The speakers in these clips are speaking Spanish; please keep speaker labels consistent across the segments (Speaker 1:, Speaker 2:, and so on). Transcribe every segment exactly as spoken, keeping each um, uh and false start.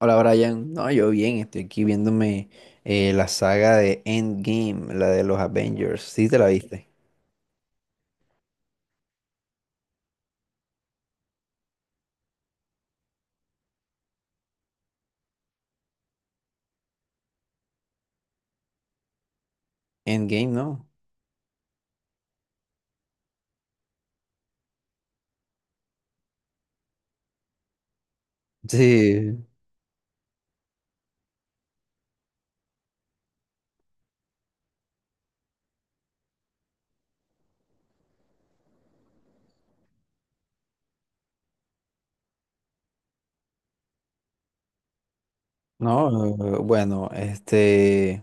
Speaker 1: Hola Brian, no, yo bien, estoy aquí viéndome eh, la saga de Endgame, la de los Avengers, ¿sí te la viste? Endgame, ¿no? Sí, no, eh, bueno, este,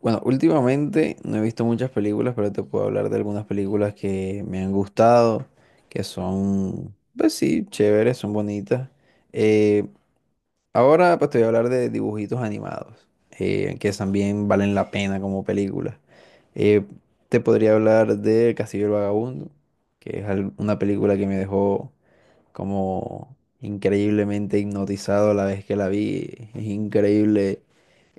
Speaker 1: bueno, últimamente no he visto muchas películas, pero te puedo hablar de algunas películas que me han gustado, que son, pues sí, chéveres, son bonitas. Eh, Ahora pues te voy a hablar de dibujitos animados, eh, que también valen la pena como películas. Eh, Te podría hablar de Castillo el Vagabundo, que es al- una película que me dejó como increíblemente hipnotizado la vez que la vi. Es increíble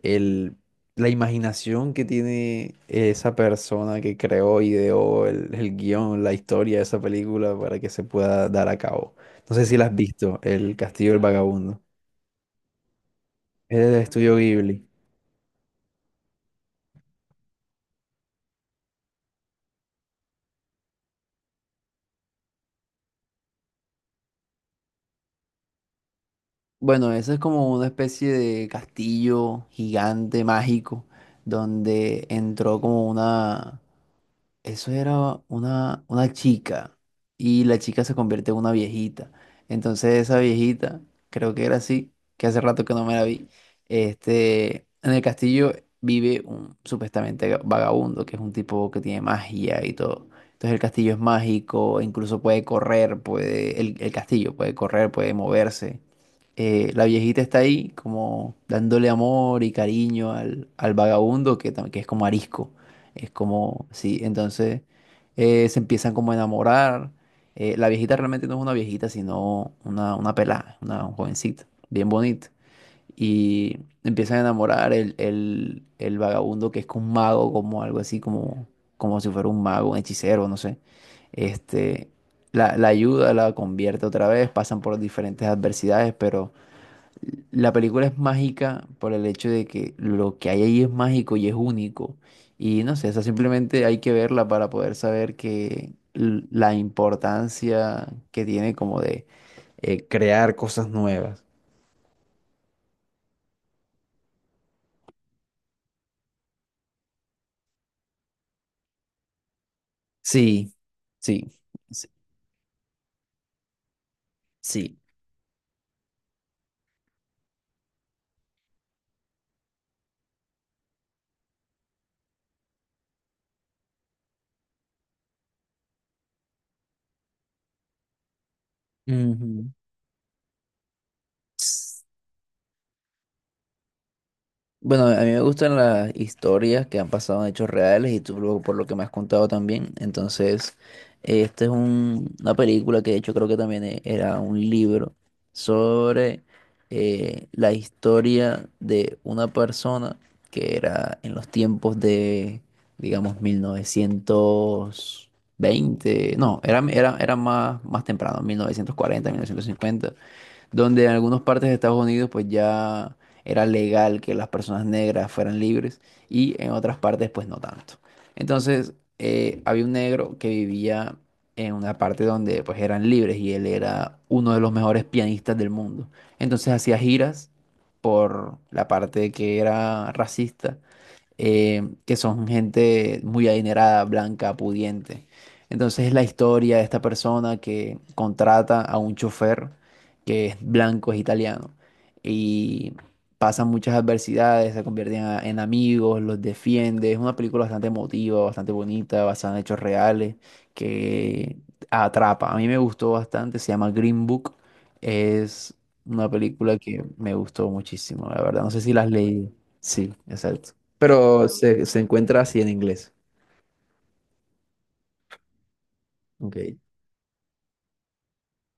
Speaker 1: el, la imaginación que tiene esa persona que creó, ideó el, el guión, la historia de esa película para que se pueda dar a cabo. No sé si la has visto, El Castillo del Vagabundo. Es del estudio Ghibli. Bueno, eso es como una especie de castillo gigante mágico donde entró como una. Eso era una, una chica y la chica se convierte en una viejita. Entonces esa viejita, creo que era así, que hace rato que no me la vi. Este, en el castillo vive un supuestamente ga- vagabundo, que es un tipo que tiene magia y todo. Entonces el castillo es mágico, incluso puede correr, puede, el, el castillo puede correr, puede moverse. Eh, la viejita está ahí como dándole amor y cariño al, al vagabundo que, tam- que es como arisco. Es como, sí, entonces eh, se empiezan como a enamorar. Eh, la viejita realmente no es una viejita, sino una, una pelada, una jovencita, bien bonita. Y empiezan a enamorar el, el, el vagabundo que es un mago, como algo así, como, como si fuera un mago, un hechicero, no sé. Este, la, la ayuda, la convierte otra vez, pasan por diferentes adversidades, pero la película es mágica por el hecho de que lo que hay ahí es mágico y es único. Y no sé, o sea, simplemente hay que verla para poder saber que l- la importancia que tiene como de eh, crear cosas nuevas. Sí, sí, sí. Sí. Ujú. Bueno, a mí me gustan las historias que han pasado en hechos reales y tú luego por lo que me has contado también. Entonces, esta es un- una película que de hecho creo que también e- era un libro sobre eh, la historia de una persona que era en los tiempos de, digamos, mil novecientos veinte. No, era, era, era más, más temprano, mil novecientos cuarenta, mil novecientos cincuenta, donde en algunas partes de Estados Unidos pues ya era legal que las personas negras fueran libres y en otras partes pues no tanto. Entonces eh, había un negro que vivía en una parte donde pues eran libres y él era uno de los mejores pianistas del mundo. Entonces hacía giras por la parte que era racista, eh, que son gente muy adinerada, blanca, pudiente. Entonces es la historia de esta persona que contrata a un chofer que es blanco, es italiano, y pasan muchas adversidades, se convierten a- en amigos, los defiende. Es una película bastante emotiva, bastante bonita, basada en hechos reales, que atrapa. A mí me gustó bastante, se llama Green Book. Es una película que me gustó muchísimo, la verdad. No sé si las leí. Sí, exacto. Pero se, se encuentra así en inglés. Ok,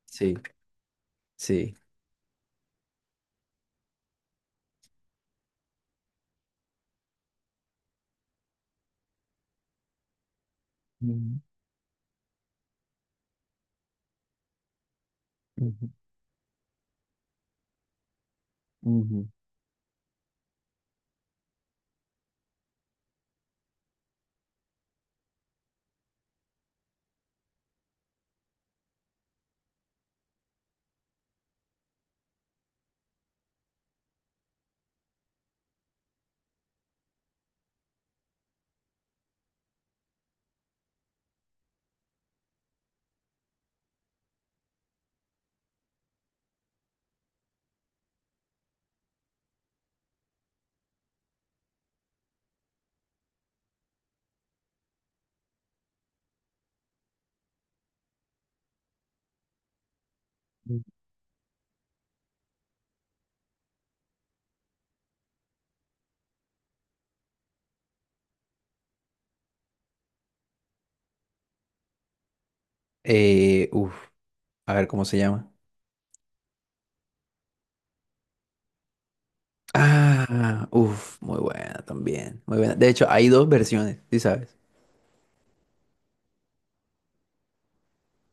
Speaker 1: sí, sí. Ujú, ujú, ujú, ujú. Eh, uf, a ver cómo se llama. Ah, uf, muy buena también, muy buena. De hecho, hay dos versiones, ¿sí sabes?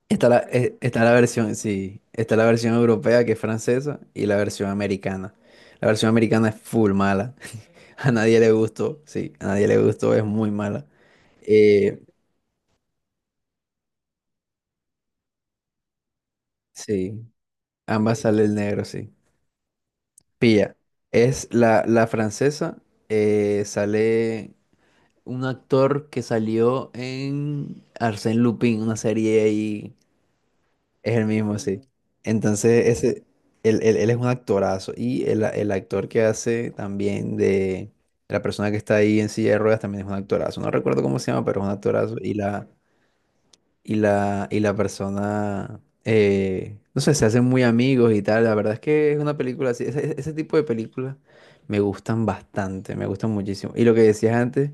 Speaker 1: Está la, eh, está la versión, sí, está la versión europea que es francesa y la versión americana. La versión americana es full mala. A nadie le gustó, sí, a nadie le gustó, es muy mala. Eh, sí, ambas sale el negro, sí. Pilla, es la, la francesa, eh, sale un actor que salió en Arsène Lupin, una serie ahí, es el mismo, sí. Mm. Entonces, ese, él, él- él es un actorazo y el, el actor que hace también de la persona que está ahí en silla de ruedas también es un actorazo. No recuerdo cómo se llama, pero es un actorazo y la, y la, y la persona, eh, no sé, se hacen muy amigos y tal. La verdad es que es una película así, ese, ese- ese tipo de películas me gustan bastante, me gustan muchísimo. Y lo que decías antes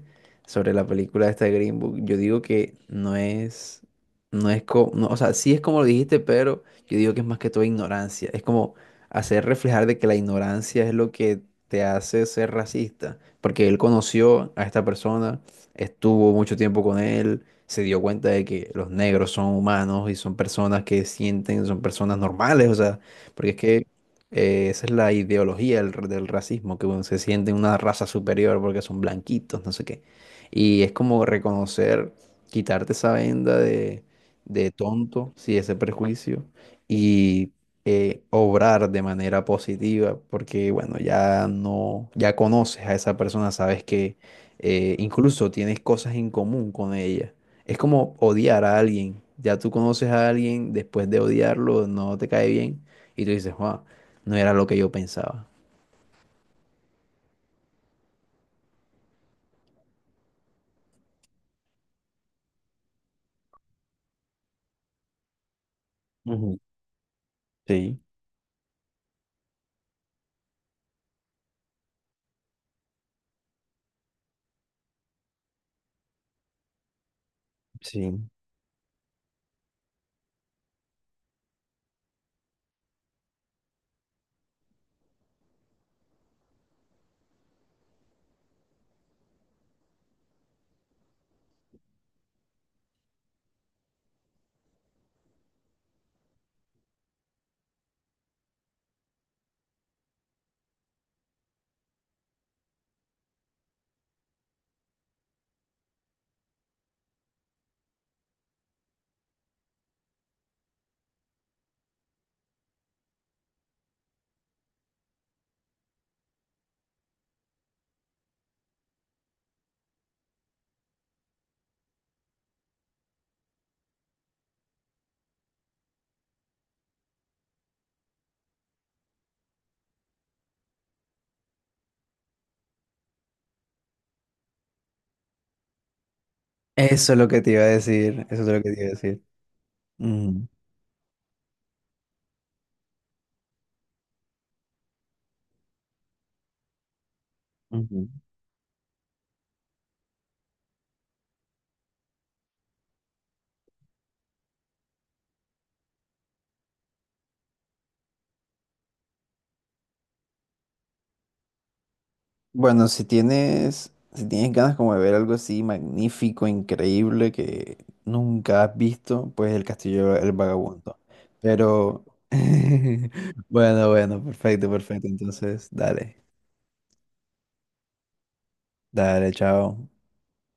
Speaker 1: sobre la película esta de Green Book, yo digo que no es, no es como, o sea, sí es como lo dijiste, pero yo digo que es más que todo ignorancia. Es como hacer reflejar de que la ignorancia es lo que te hace ser racista, porque él conoció a esta persona, estuvo mucho tiempo con él, se dio cuenta de que los negros son humanos y son personas que sienten, son personas normales, o sea, porque es que eh, esa es la ideología del, r- del racismo, que bueno, se sienten una raza superior porque son blanquitos, no sé qué. Y es como reconocer, quitarte esa venda de, de tonto, sí, ese prejuicio, y eh, obrar de manera positiva, porque bueno, ya no, ya conoces a esa persona, sabes que eh, incluso tienes cosas en común con ella. Es como odiar a alguien. Ya tú conoces a alguien, después de odiarlo, no te cae bien. Y tú dices, wow, no era lo que yo pensaba. Ujú. Sí, sí. Eso es lo que te iba a decir. Eso es lo que te iba a decir. Ujú. Ujú. Bueno, si tienes, si tienes ganas como de ver algo así magnífico, increíble, que nunca has visto, pues El Castillo del Vagabundo. Pero, bueno, bueno, perfecto, perfecto. Entonces, dale, dale, chao.